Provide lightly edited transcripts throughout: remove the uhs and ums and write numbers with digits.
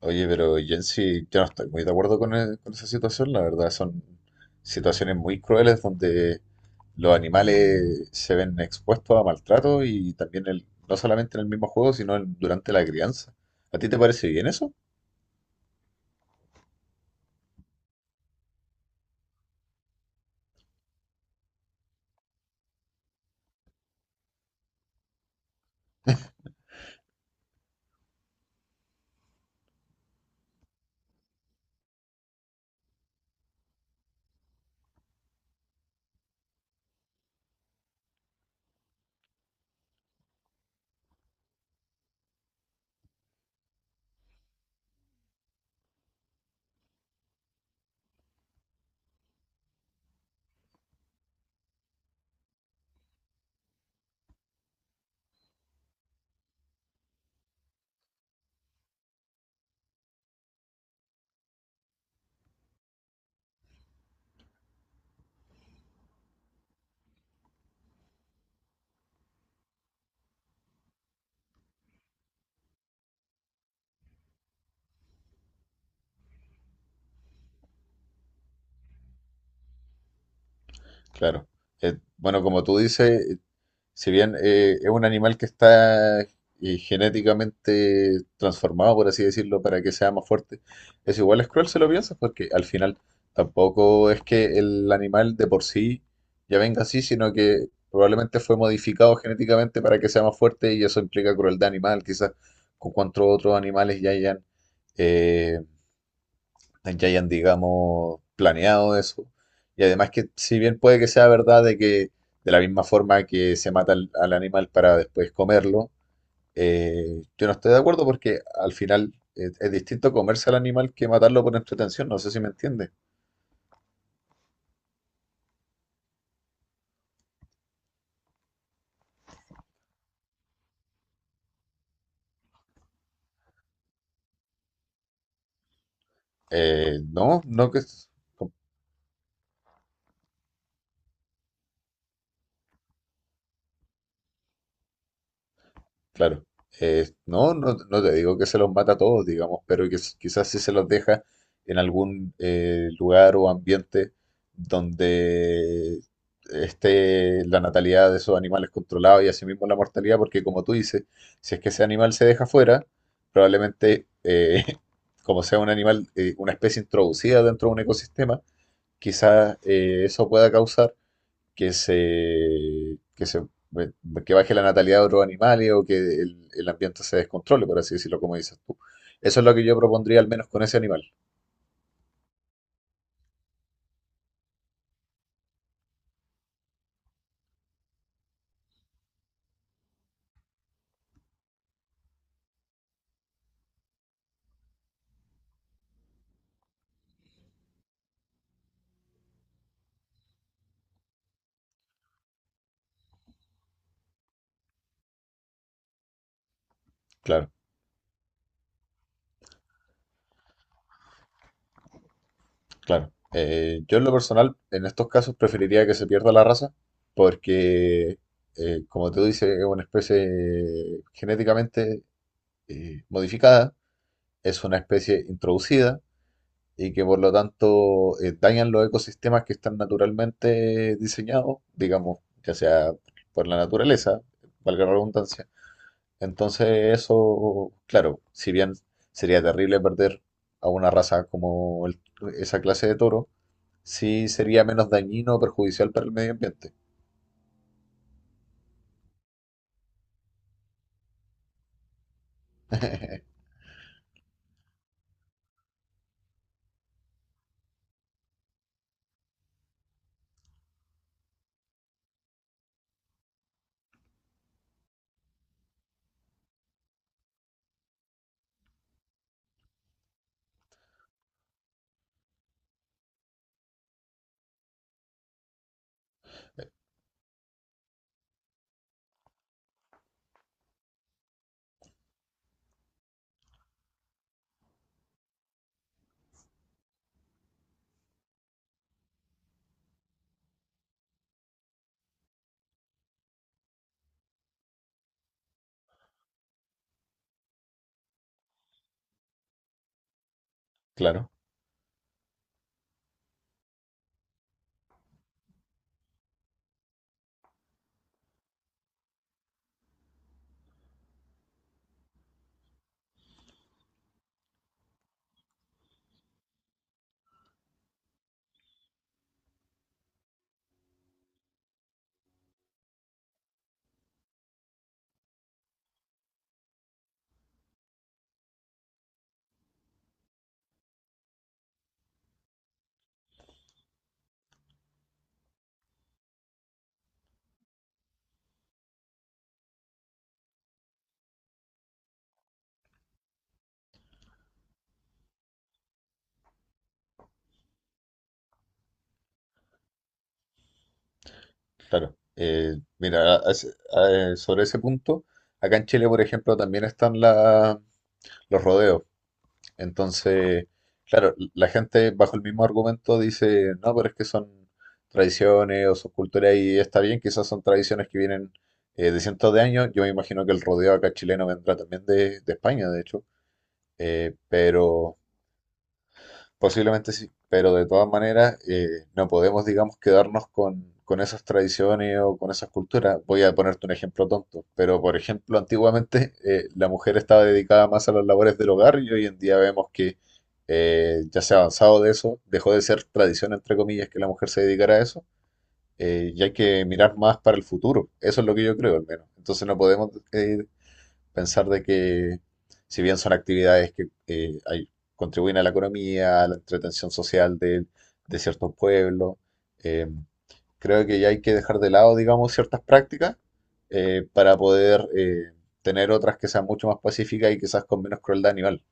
Oye, pero yo sí, yo no estoy muy de acuerdo con, con esa situación, la verdad. Son situaciones muy crueles donde los animales se ven expuestos a maltrato, y también el, no solamente en el mismo juego, sino durante la crianza. ¿A ti te parece bien eso? Claro. Bueno, como tú dices, si bien es un animal que está genéticamente transformado, por así decirlo, para que sea más fuerte, es igual es cruel si lo piensas, porque al final tampoco es que el animal de por sí ya venga así, sino que probablemente fue modificado genéticamente para que sea más fuerte, y eso implica crueldad animal. Quizás con cuantos otros animales eh, ya hayan, digamos, planeado eso. Y además que si bien puede que sea verdad de que de la misma forma que se mata al animal para después comerlo, yo no estoy de acuerdo, porque al final es distinto comerse al animal que matarlo por entretención, no sé si me entiende. No, no que... Claro. No, no, no te digo que se los mata a todos, digamos, pero que quizás sí se los deja en algún lugar o ambiente donde esté la natalidad de esos animales controlada y asimismo la mortalidad, porque como tú dices, si es que ese animal se deja fuera, probablemente, como sea un animal, una especie introducida dentro de un ecosistema, quizás eso pueda causar que se, que se, eh, que baje la natalidad de otros animales, o que el ambiente se descontrole, por así decirlo, como dices tú. Eso es lo que yo propondría, al menos con ese animal. Claro, claro. Yo en lo personal, en estos casos, preferiría que se pierda la raza, porque, como te dice, es una especie genéticamente modificada, es una especie introducida, y que por lo tanto dañan los ecosistemas que están naturalmente diseñados, digamos, ya sea por la naturaleza, valga la redundancia. Entonces eso, claro, si bien sería terrible perder a una raza como esa clase de toro, sí sería menos dañino o perjudicial para el medio ambiente. Claro, claro. Mira, sobre ese punto, acá en Chile, por ejemplo, también están los rodeos. Entonces, claro, la gente bajo el mismo argumento dice, no, pero es que son tradiciones o son culturas y está bien, quizás son tradiciones que vienen de cientos de años. Yo me imagino que el rodeo acá chileno vendrá también de España, de hecho, pero... Posiblemente sí, pero de todas maneras no podemos, digamos, quedarnos con esas tradiciones o con esas culturas. Voy a ponerte un ejemplo tonto, pero por ejemplo, antiguamente la mujer estaba dedicada más a las labores del hogar, y hoy en día vemos que ya se ha avanzado de eso, dejó de ser tradición, entre comillas, que la mujer se dedicara a eso. Y hay que mirar más para el futuro. Eso es lo que yo creo, al menos. Entonces no podemos pensar de que, si bien son actividades que contribuyen a la economía, a la entretención social de ciertos pueblos, eh, creo que ya hay que dejar de lado, digamos, ciertas prácticas para poder tener otras que sean mucho más pacíficas y quizás con menos crueldad animal.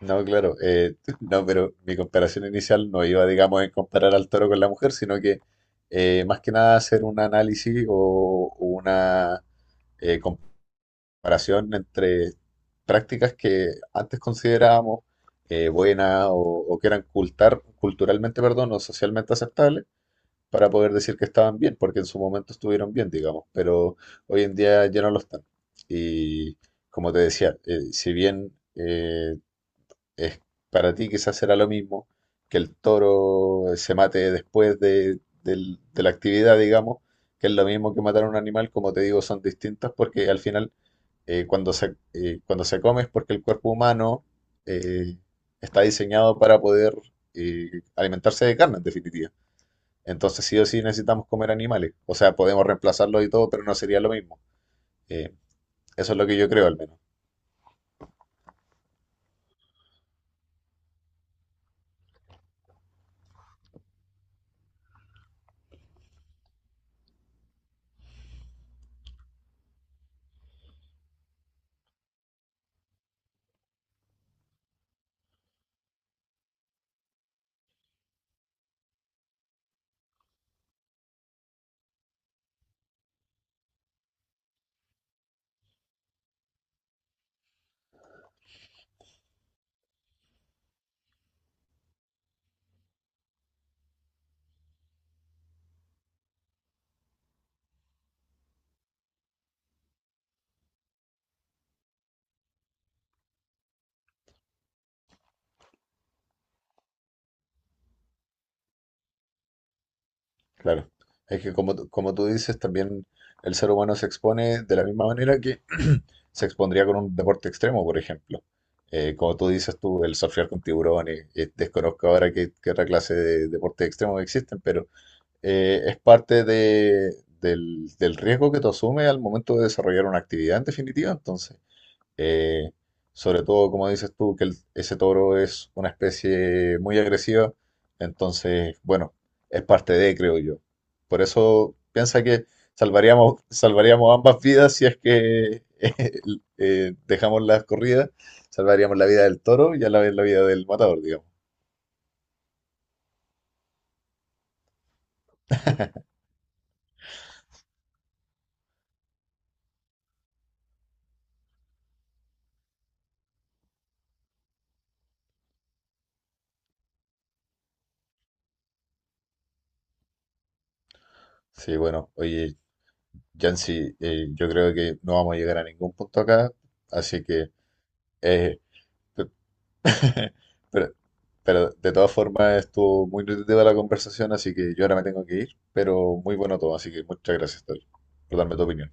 No, claro, no, pero mi comparación inicial no iba, digamos, en comparar al toro con la mujer, sino que más que nada hacer un análisis o una comparación entre prácticas que antes considerábamos buenas o que eran culturalmente, perdón, o socialmente aceptables, para poder decir que estaban bien, porque en su momento estuvieron bien, digamos, pero hoy en día ya no lo están. Y como te decía, si bien es para ti quizás será lo mismo que el toro se mate después de la actividad, digamos, que es lo mismo que matar a un animal, como te digo, son distintas, porque al final cuando se come es porque el cuerpo humano eh, está diseñado para poder eh, alimentarse de carne, en definitiva. Entonces sí o sí necesitamos comer animales. O sea, podemos reemplazarlos y todo, pero no sería lo mismo. Eh, Eso es lo que yo creo, al menos. Claro. Es que como, como tú dices, también el ser humano se expone de la misma manera que se expondría con un deporte extremo, por ejemplo. Como tú dices tú, el surfear con tiburones. Desconozco ahora qué, qué otra clase de deportes extremos existen, pero es parte de, del, del riesgo que tú asumes al momento de desarrollar una actividad, en definitiva. Entonces, eh, sobre todo, como dices tú, que ese toro es una especie muy agresiva, entonces, bueno, es parte de, creo yo. Por eso piensa que salvaríamos, salvaríamos ambas vidas si es que dejamos las corridas, salvaríamos la vida del toro y a la vez la vida del matador, digamos. Sí, bueno, oye, Yancy, yo creo que no vamos a llegar a ningún punto acá, así que, eh, pero, pero de todas formas estuvo muy nutritiva la conversación, así que yo ahora me tengo que ir, pero muy bueno todo, así que muchas gracias, Tori, por darme tu opinión.